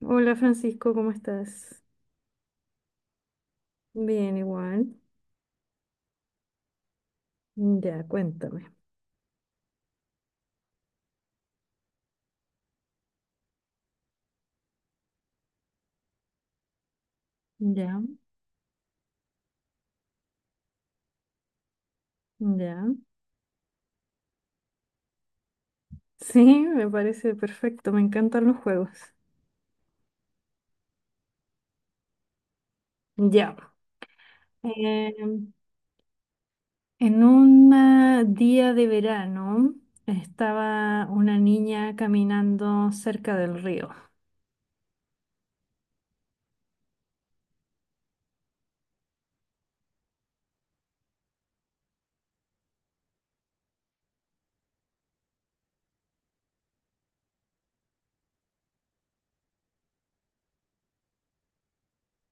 Hola Francisco, ¿cómo estás? Bien, igual. Ya, cuéntame. Ya, ya. Sí, me parece perfecto, me encantan los juegos. Ya. Eh, en un día de verano estaba una niña caminando cerca del río.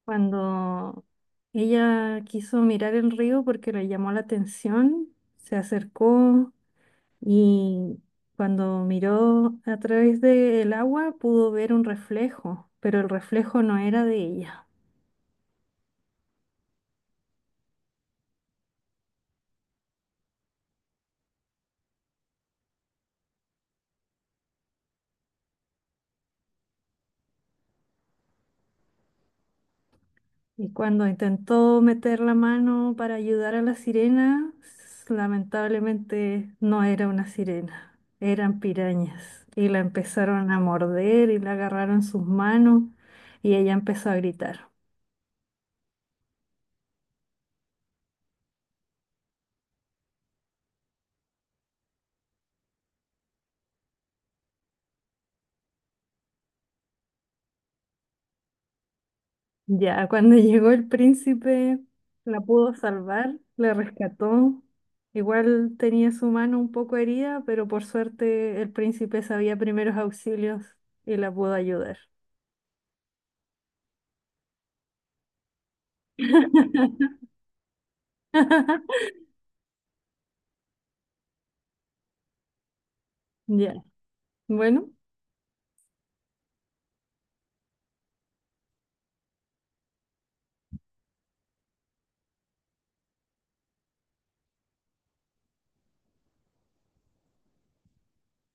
Cuando ella quiso mirar el río porque le llamó la atención, se acercó y cuando miró a través del agua pudo ver un reflejo, pero el reflejo no era de ella. Y cuando intentó meter la mano para ayudar a la sirena, lamentablemente no era una sirena, eran pirañas. Y la empezaron a morder y la agarraron sus manos y ella empezó a gritar. Ya, cuando llegó el príncipe, la pudo salvar, la rescató. Igual tenía su mano un poco herida, pero por suerte el príncipe sabía primeros auxilios y la pudo ayudar. Ya, bueno,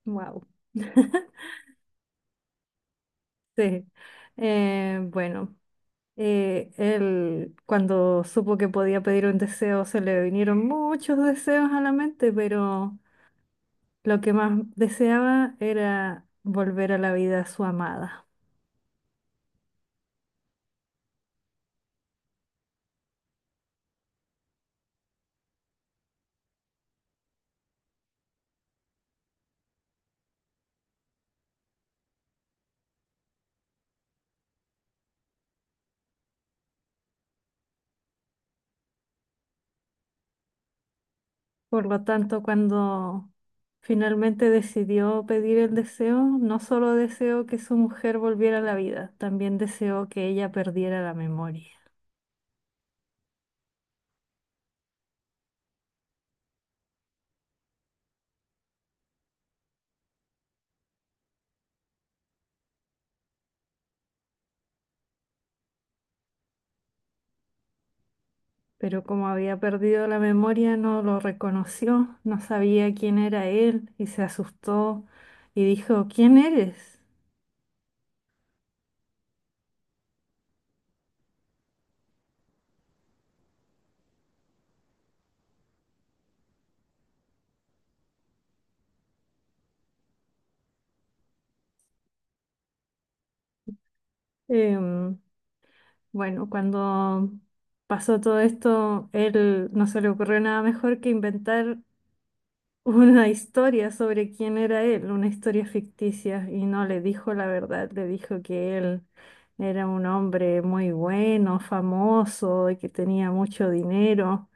wow. Sí. Bueno, él cuando supo que podía pedir un deseo, se le vinieron muchos deseos a la mente, pero lo que más deseaba era volver a la vida a su amada. Por lo tanto, cuando finalmente decidió pedir el deseo, no solo deseó que su mujer volviera a la vida, también deseó que ella perdiera la memoria. Pero como había perdido la memoria, no lo reconoció, no sabía quién era él y se asustó y dijo, ¿quién eres? Em, bueno, cuando pasó todo esto, él no se le ocurrió nada mejor que inventar una historia sobre quién era él, una historia ficticia, y no le dijo la verdad, le dijo que él era un hombre muy bueno, famoso y que tenía mucho dinero.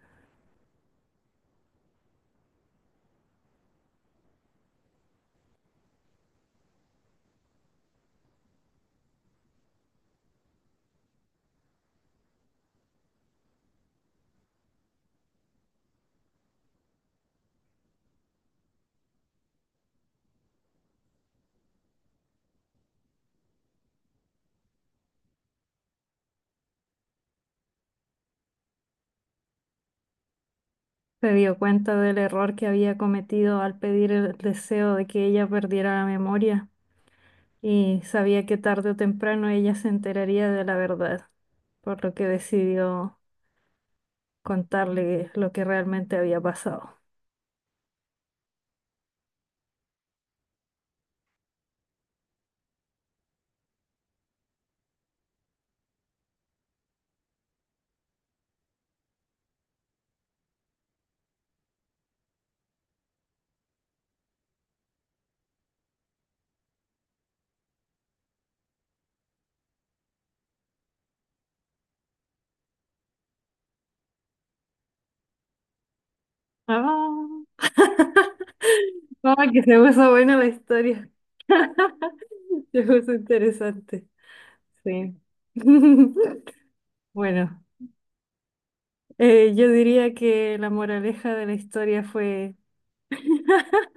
Se dio cuenta del error que había cometido al pedir el deseo de que ella perdiera la memoria y sabía que tarde o temprano ella se enteraría de la verdad, por lo que decidió contarle lo que realmente había pasado. Ah, como que se puso buena la historia. Es interesante, sí. Bueno, yo diría que la moraleja de la historia fue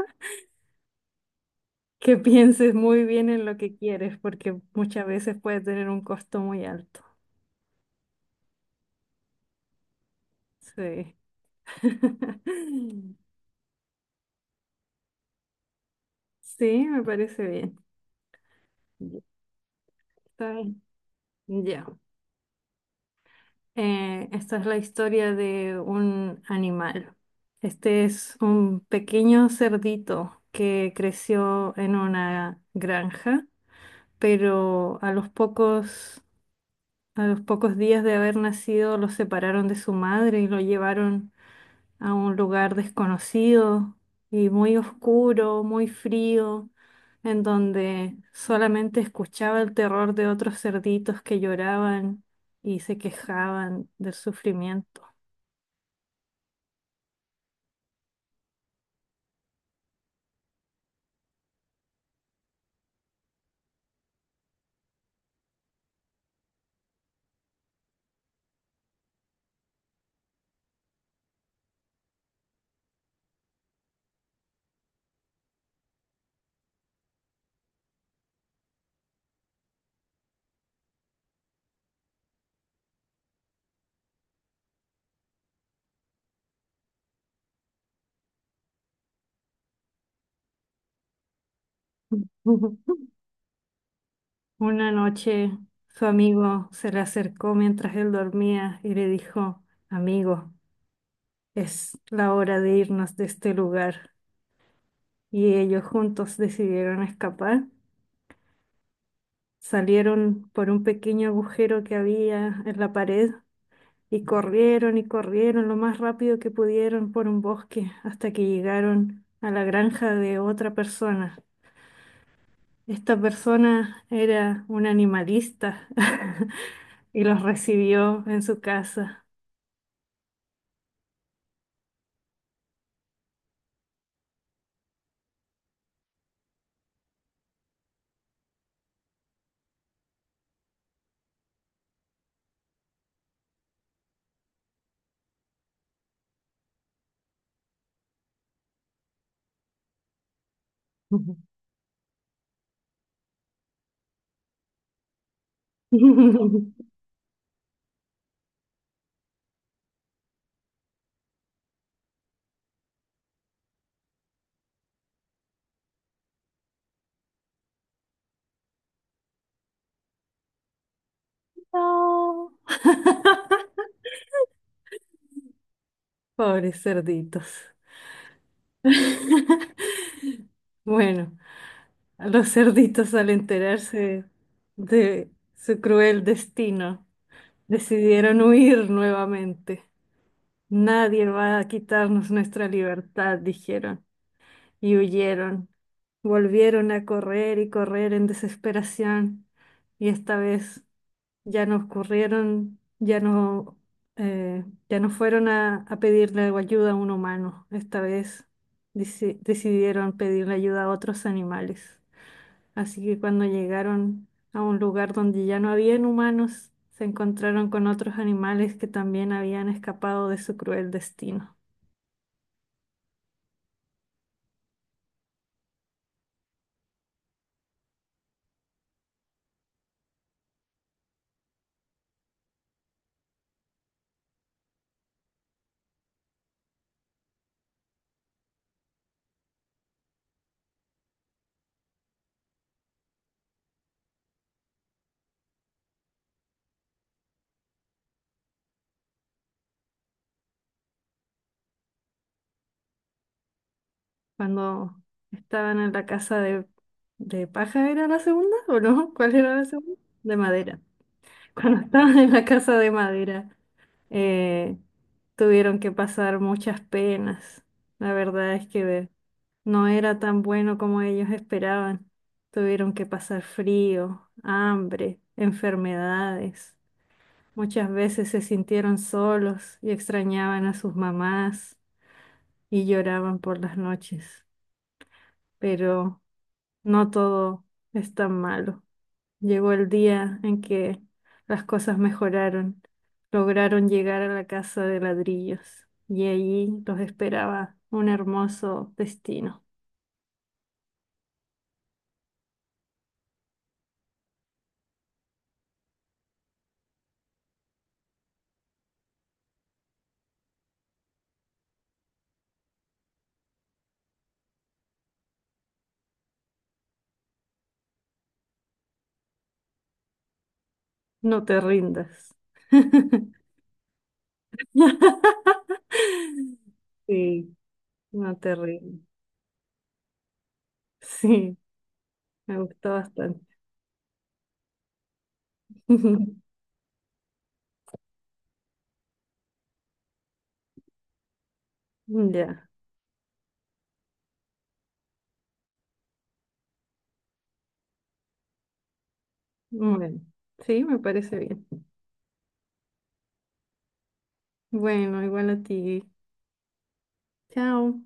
que pienses muy bien en lo que quieres, porque muchas veces puede tener un costo muy alto. Sí. Sí, me parece bien. Ya, está bien. Ya. Esta es la historia de un animal. Este es un pequeño cerdito que creció en una granja, pero a los pocos días de haber nacido lo separaron de su madre y lo llevaron a un lugar desconocido y muy oscuro, muy frío, en donde solamente escuchaba el terror de otros cerditos que lloraban y se quejaban del sufrimiento. Una noche su amigo se le acercó mientras él dormía y le dijo, amigo, es la hora de irnos de este lugar. Y ellos juntos decidieron escapar. Salieron por un pequeño agujero que había en la pared y corrieron lo más rápido que pudieron por un bosque hasta que llegaron a la granja de otra persona. Esta persona era un animalista y los recibió en su casa. Pobres cerditos. Bueno, a los cerditos al enterarse de su cruel destino, decidieron huir nuevamente. Nadie va a quitarnos nuestra libertad, dijeron, y huyeron. Volvieron a correr y correr en desesperación, y esta vez ya nos corrieron, ya no, ya no fueron a pedirle ayuda a un humano. Esta vez decidieron pedirle ayuda a otros animales. Así que cuando llegaron a un lugar donde ya no habían humanos, se encontraron con otros animales que también habían escapado de su cruel destino. Cuando estaban en la casa de paja, ¿era la segunda o no? ¿Cuál era la segunda? De madera. Cuando estaban en la casa de madera. eh, Tuvieron que pasar muchas penas. La verdad es que no era tan bueno como ellos esperaban. Tuvieron que pasar frío, hambre, enfermedades. Muchas veces se sintieron solos y extrañaban a sus mamás y lloraban por las noches. Pero no todo es tan malo. Llegó el día en que las cosas mejoraron. Lograron llegar a la casa de ladrillos y allí los esperaba un hermoso destino. No te rindas. Sí, no te rindas. Sí, me gustó bastante. Ya, bueno, sí, me parece bien. Bueno, igual a ti. Chao.